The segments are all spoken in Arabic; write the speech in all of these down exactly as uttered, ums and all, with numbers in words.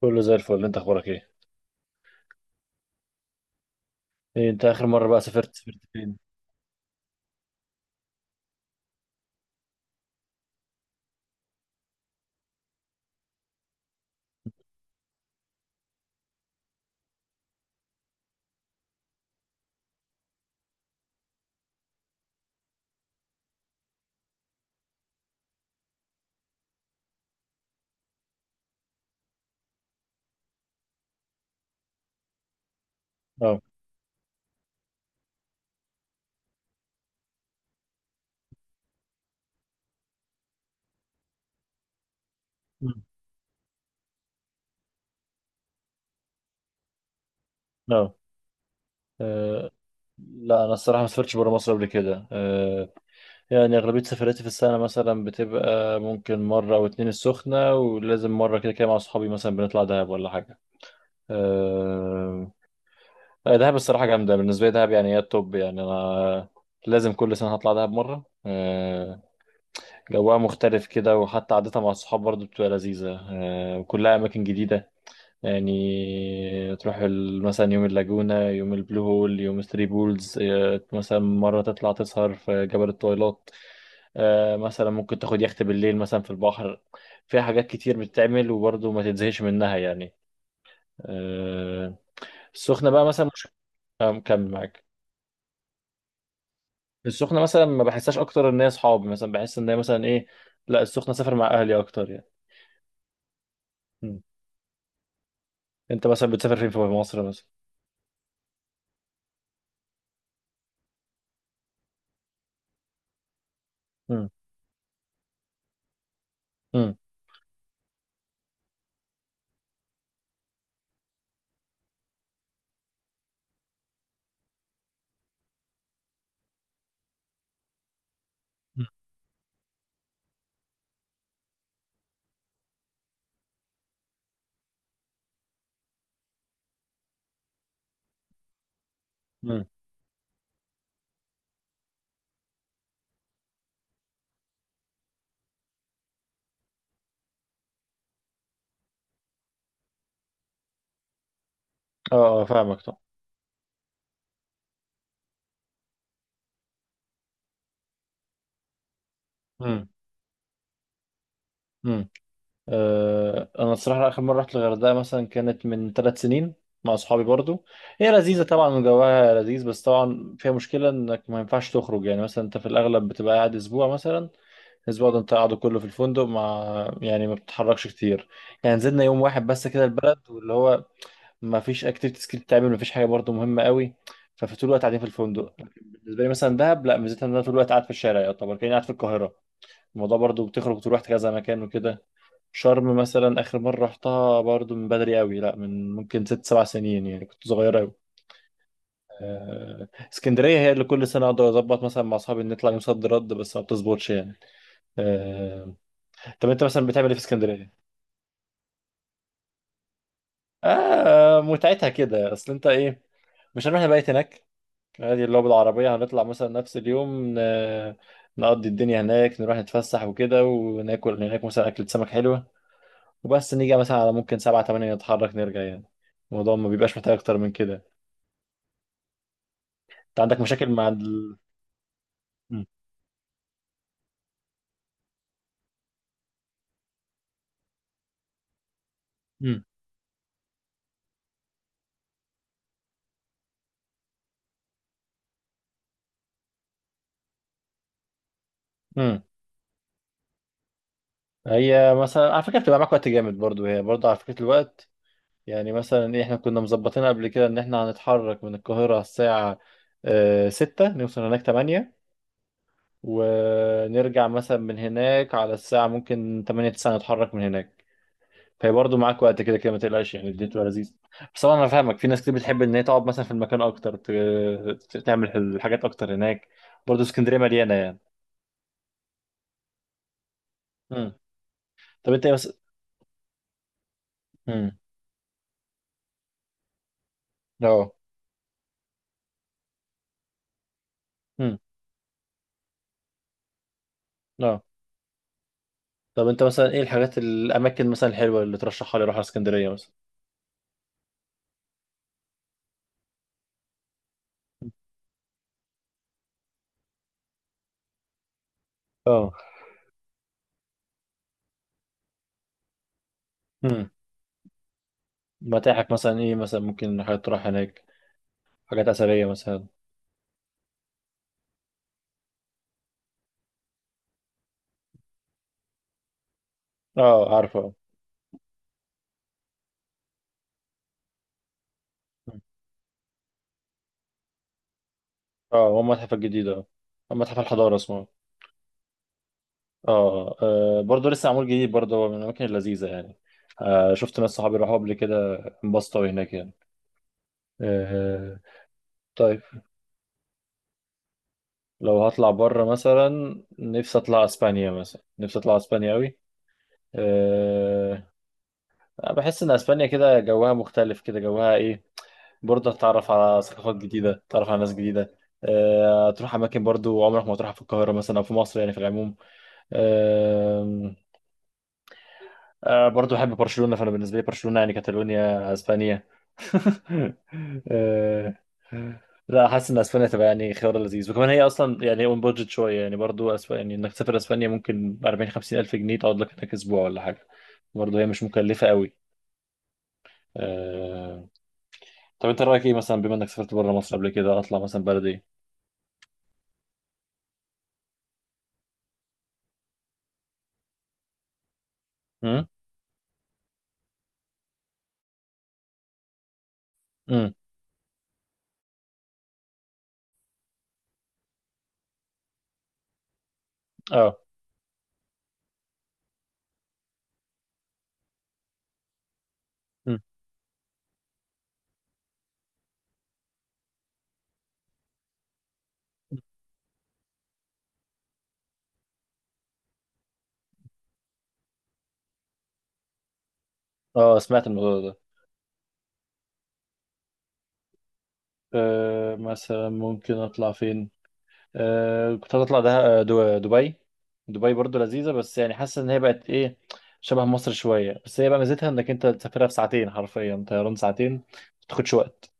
كله زي الفل. انت اخبارك ايه؟ ايه انت اخر مره بقى سافرت سافرت فين؟ اه. مم. اه. اه، لا انا الصراحه ما سافرتش بره مصر قبل كده. آه يعني اغلبيه سفراتي في السنه مثلا بتبقى ممكن مره او اتنين السخنه، ولازم مره كده كده مع اصحابي مثلا بنطلع دهب ولا حاجه. آه. اه، دهب الصراحه جامده، بالنسبه لي دهب يعني هي التوب، يعني انا لازم كل سنه هطلع دهب مره. آه جوها مختلف كده، وحتى عادتها مع الصحاب برضو بتبقى لذيذه، آه وكلها اماكن جديده. يعني تروح ال- مثلا يوم اللاجونة، يوم البلو هول، يوم ثري بولز، آه، مثلا مرة تطلع تسهر في جبل الطويلات، آه، مثلا ممكن تاخد يخت بالليل مثلا في البحر. فيها حاجات كتير بتتعمل وبرضه ما تتزهقش منها يعني. آه، السخنة بقى مثلا مش، آه، كمل معاك. السخنة مثلا ما بحسهاش، أكتر إن هي صحاب، مثلا بحس إن هي مثلا إيه، لا السخنة سافر مع أهلي أكتر يعني. مم. أنت مثلا بتسافر فين في مصر مثلا؟ مم. مم. مم. اه، آه، فاهمك طبعا. مم. مم. آه، انا الصراحه اخر مره رحت الغردقه مثلا كانت من تلات سنين مع اصحابي برضو. هي لذيذه طبعا وجواها لذيذ، بس طبعا فيها مشكله انك ما ينفعش تخرج، يعني مثلا انت في الاغلب بتبقى قاعد اسبوع مثلا. الاسبوع ده انت قاعده كله في الفندق مع، يعني ما بتتحركش كتير. يعني نزلنا يوم واحد بس كده البلد واللي هو، ما فيش اكتيفيتيز كتير بتتعمل، ما فيش حاجه برضو مهمه قوي. ففي طول الوقت قاعدين في الفندق. لكن بالنسبه لي مثلا دهب لا، ميزتها ان انا طول الوقت قاعد في الشارع، يعتبر كاني قاعد في القاهره. الموضوع برضو بتخرج وتروح كذا مكان وكده. شرم مثلا آخر مرة رحتها برضو من بدري قوي، لا من ممكن ست سبع سنين، يعني كنت صغير قوي. آه، اسكندرية هي اللي كل سنة أقدر أظبط مثلا مع أصحابي ان نطلع يوم صد رد، بس ما بتظبطش يعني. آه، طب أنت مثلا بتعمل إيه في اسكندرية؟ آه متعتها كده، أصل أنت إيه، مش هنروح نبيت هناك، عادي اللي هو بالعربية هنطلع مثلا نفس اليوم، ن- نقضي الدنيا هناك، نروح نتفسح وكده، وناكل هناك مثلا أكلة سمك حلوة. وبس نيجي مثلا على ممكن سبعة تمانية نتحرك نرجع يعني. الموضوع ما بيبقاش محتاج أكتر من كده. انت عندك مشاكل مع ال. مم. مم. مم. هي مثلا على فكره بتبقى معاك وقت جامد برضو، هي برضو على فكره الوقت، يعني مثلا ايه احنا كنا مظبطين قبل كده ان احنا هنتحرك من القاهره على الساعه آه، ستة، نوصل هناك تمانية. ونرجع مثلا من هناك على الساعه ممكن تمانية تسعة نتحرك من هناك. فهي برضو معاك وقت كده كده، ما تقلقش، يعني الدنيا تبقى لذيذه. بس طبعا انا فاهمك، في ناس كتير بتحب ان هي تقعد مثلا في المكان اكتر، ت- ت- تعمل الحاجات اكتر هناك. برضو اسكندريه مليانه يعني. مم. طب انت ايه بس. اه. امم. اه. طب انت مثلا ايه الحاجات، الاماكن مثلا الحلوه اللي ترشحها لي اروح على اسكندريه مثلا؟ اه. امم. متاحف مثلا ايه، مثلا ممكن حاجات تروح هناك، حاجات اثريه مثلا. اه عارفه اه. مم. اه هو المتحف الجديد اه، متحف الحضاره اسمه. اه، آه، آه، برضه لسه معمول جديد، برضه هو من الاماكن اللذيذه يعني. آه، شفت ناس صحابي راحوا قبل كده، انبسطوا هناك يعني. آه. طيب لو هطلع بره مثلا، نفسي اطلع اسبانيا، مثلا نفسي اطلع اسبانيا قوي. بحس ان اسبانيا كده جوها مختلف، كده جوها ايه، برضه هتتعرف على ثقافات جديده، تتعرف على ناس جديده. أه تروح اماكن برضه عمرك ما تروحها في القاهره مثلا او في مصر، يعني في العموم. أه. أه برضه بحب برشلونه، فانا بالنسبه لي برشلونه يعني كاتالونيا اسبانيا. أه. لا حاسس ان اسبانيا تبقى يعني خيار لذيذ، وكمان هي اصلا يعني اون بادجت شويه، يعني برضه أسب... يعني انك تسافر اسبانيا ممكن أربعين خمسين الف جنيه تقعد لك هناك اسبوع ولا حاجه. برضه هي مش مكلفه قوي. طب انت رايك ايه، مثلا بما انك سافرت بره مصر قبل كده، اطلع مثلا بلد ايه؟ امم. امم. اه. امم. اه سمعت الموضوع ده. آه مثلا ممكن اطلع فين، آه كنت هطلع ده آه، دو- دبي. دبي برضو لذيذه، بس يعني حاسس ان هي بقت ايه، شبه مصر شويه، بس هي بقى ميزتها انك انت تسافرها في ساعتين، حرفيا طيران ساعتين ما تاخدش وقت.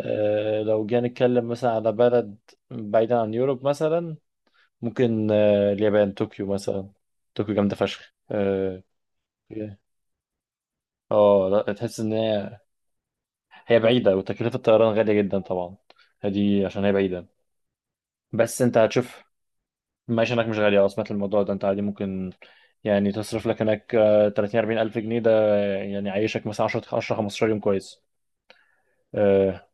آه لو جينا نتكلم مثلا على بلد بعيدا عن يوروب مثلا، ممكن آه اليابان، طوكيو مثلا. طوكيو جامده فشخ آه. اه لا تحس ان هي، هي بعيده وتكلفه الطيران غاليه جدا طبعا، دي عشان هي بعيده. بس انت هتشوف المعيشه هناك مش غاليه. اه سمعت الموضوع ده، انت عادي ممكن يعني تصرف لك هناك آه، تلاتين أربعين الف جنيه ده آه، يعني عايشك مثلا عشرة عشرة خمسة عشر يوم كويس. آه،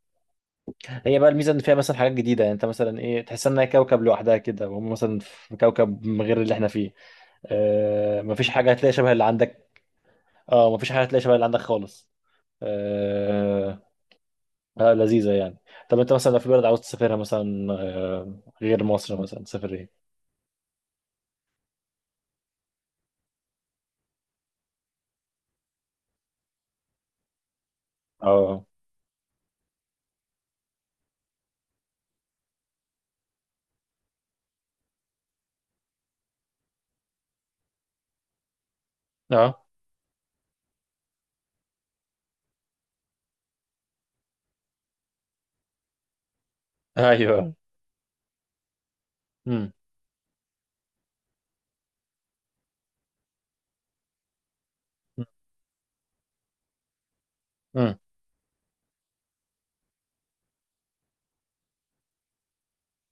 هي بقى الميزه ان فيها مثلا حاجات جديده، يعني انت مثلا ايه تحس انها كوكب لوحدها كده، وهم مثلا في كوكب غير اللي احنا فيه. آه، مفيش حاجه هتلاقي شبه اللي عندك. اه مفيش حاجه هتلاقي شبه اللي عندك خالص. آه، آه لذيذة يعني. طب انت مثلا لو في بلد عاوز تسافرها مثلا آه، غير مصر مثلا تسافر ايه؟ اه. اه. ايوه. امم. امم.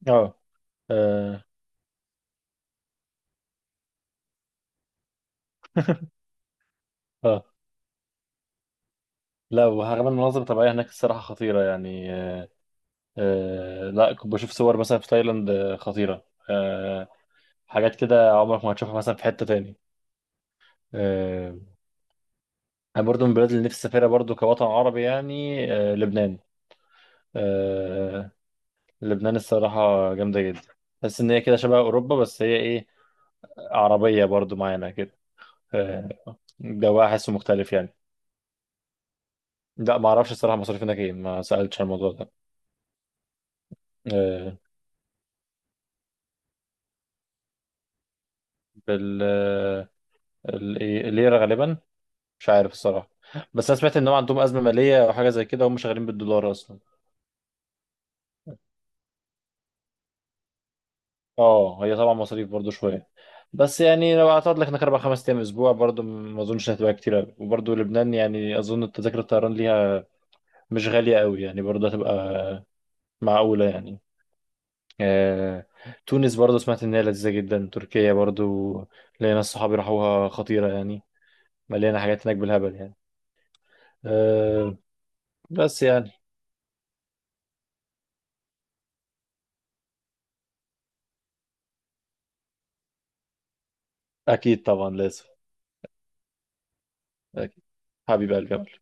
اه. اه. آه. لا وكمان المناظر الطبيعية هناك الصراحة خطيرة يعني آه. آه، لا كنت بشوف صور مثلا في تايلاند آه، خطيرة آه. حاجات كده عمرك ما هتشوفها مثلا في حتة تاني آه. انا برضو من البلاد اللي نفسي اسافرها برضو كوطن عربي يعني آه، لبنان. آه. لبنان الصراحة جامدة جدا، بس إن هي كده شبه أوروبا، بس هي إيه عربية برضو معانا كده، آه، جواها حاسه مختلف يعني. لا ما اعرفش الصراحة مصاريف هناك ايه، ما سألتش عن الموضوع ده. آه، بال آه، ال- إيه، الليرة غالبا، مش عارف الصراحة. بس انا سمعت ان هم عندهم أزمة مالية او حاجة زي كده، هم شغالين بالدولار اصلا. اه هي طبعا مصاريف برضو شوية، بس يعني لو اعتقد لك هناك اربع خمس ايام اسبوع برضو ما اظنش هتبقى كتير أوي. وبرضو لبنان يعني اظن تذاكر الطيران ليها مش غالية قوي، يعني برضو هتبقى معقولة يعني. آه، تونس برضو سمعت إن هي لذيذة جدا، تركيا برضو ليا ناس صحابي راحوها خطيرة يعني، مليانة حاجات هناك بالهبل يعني. آه، بس يعني. أكيد طبعا لازم. أكيد. حبيب قلبي.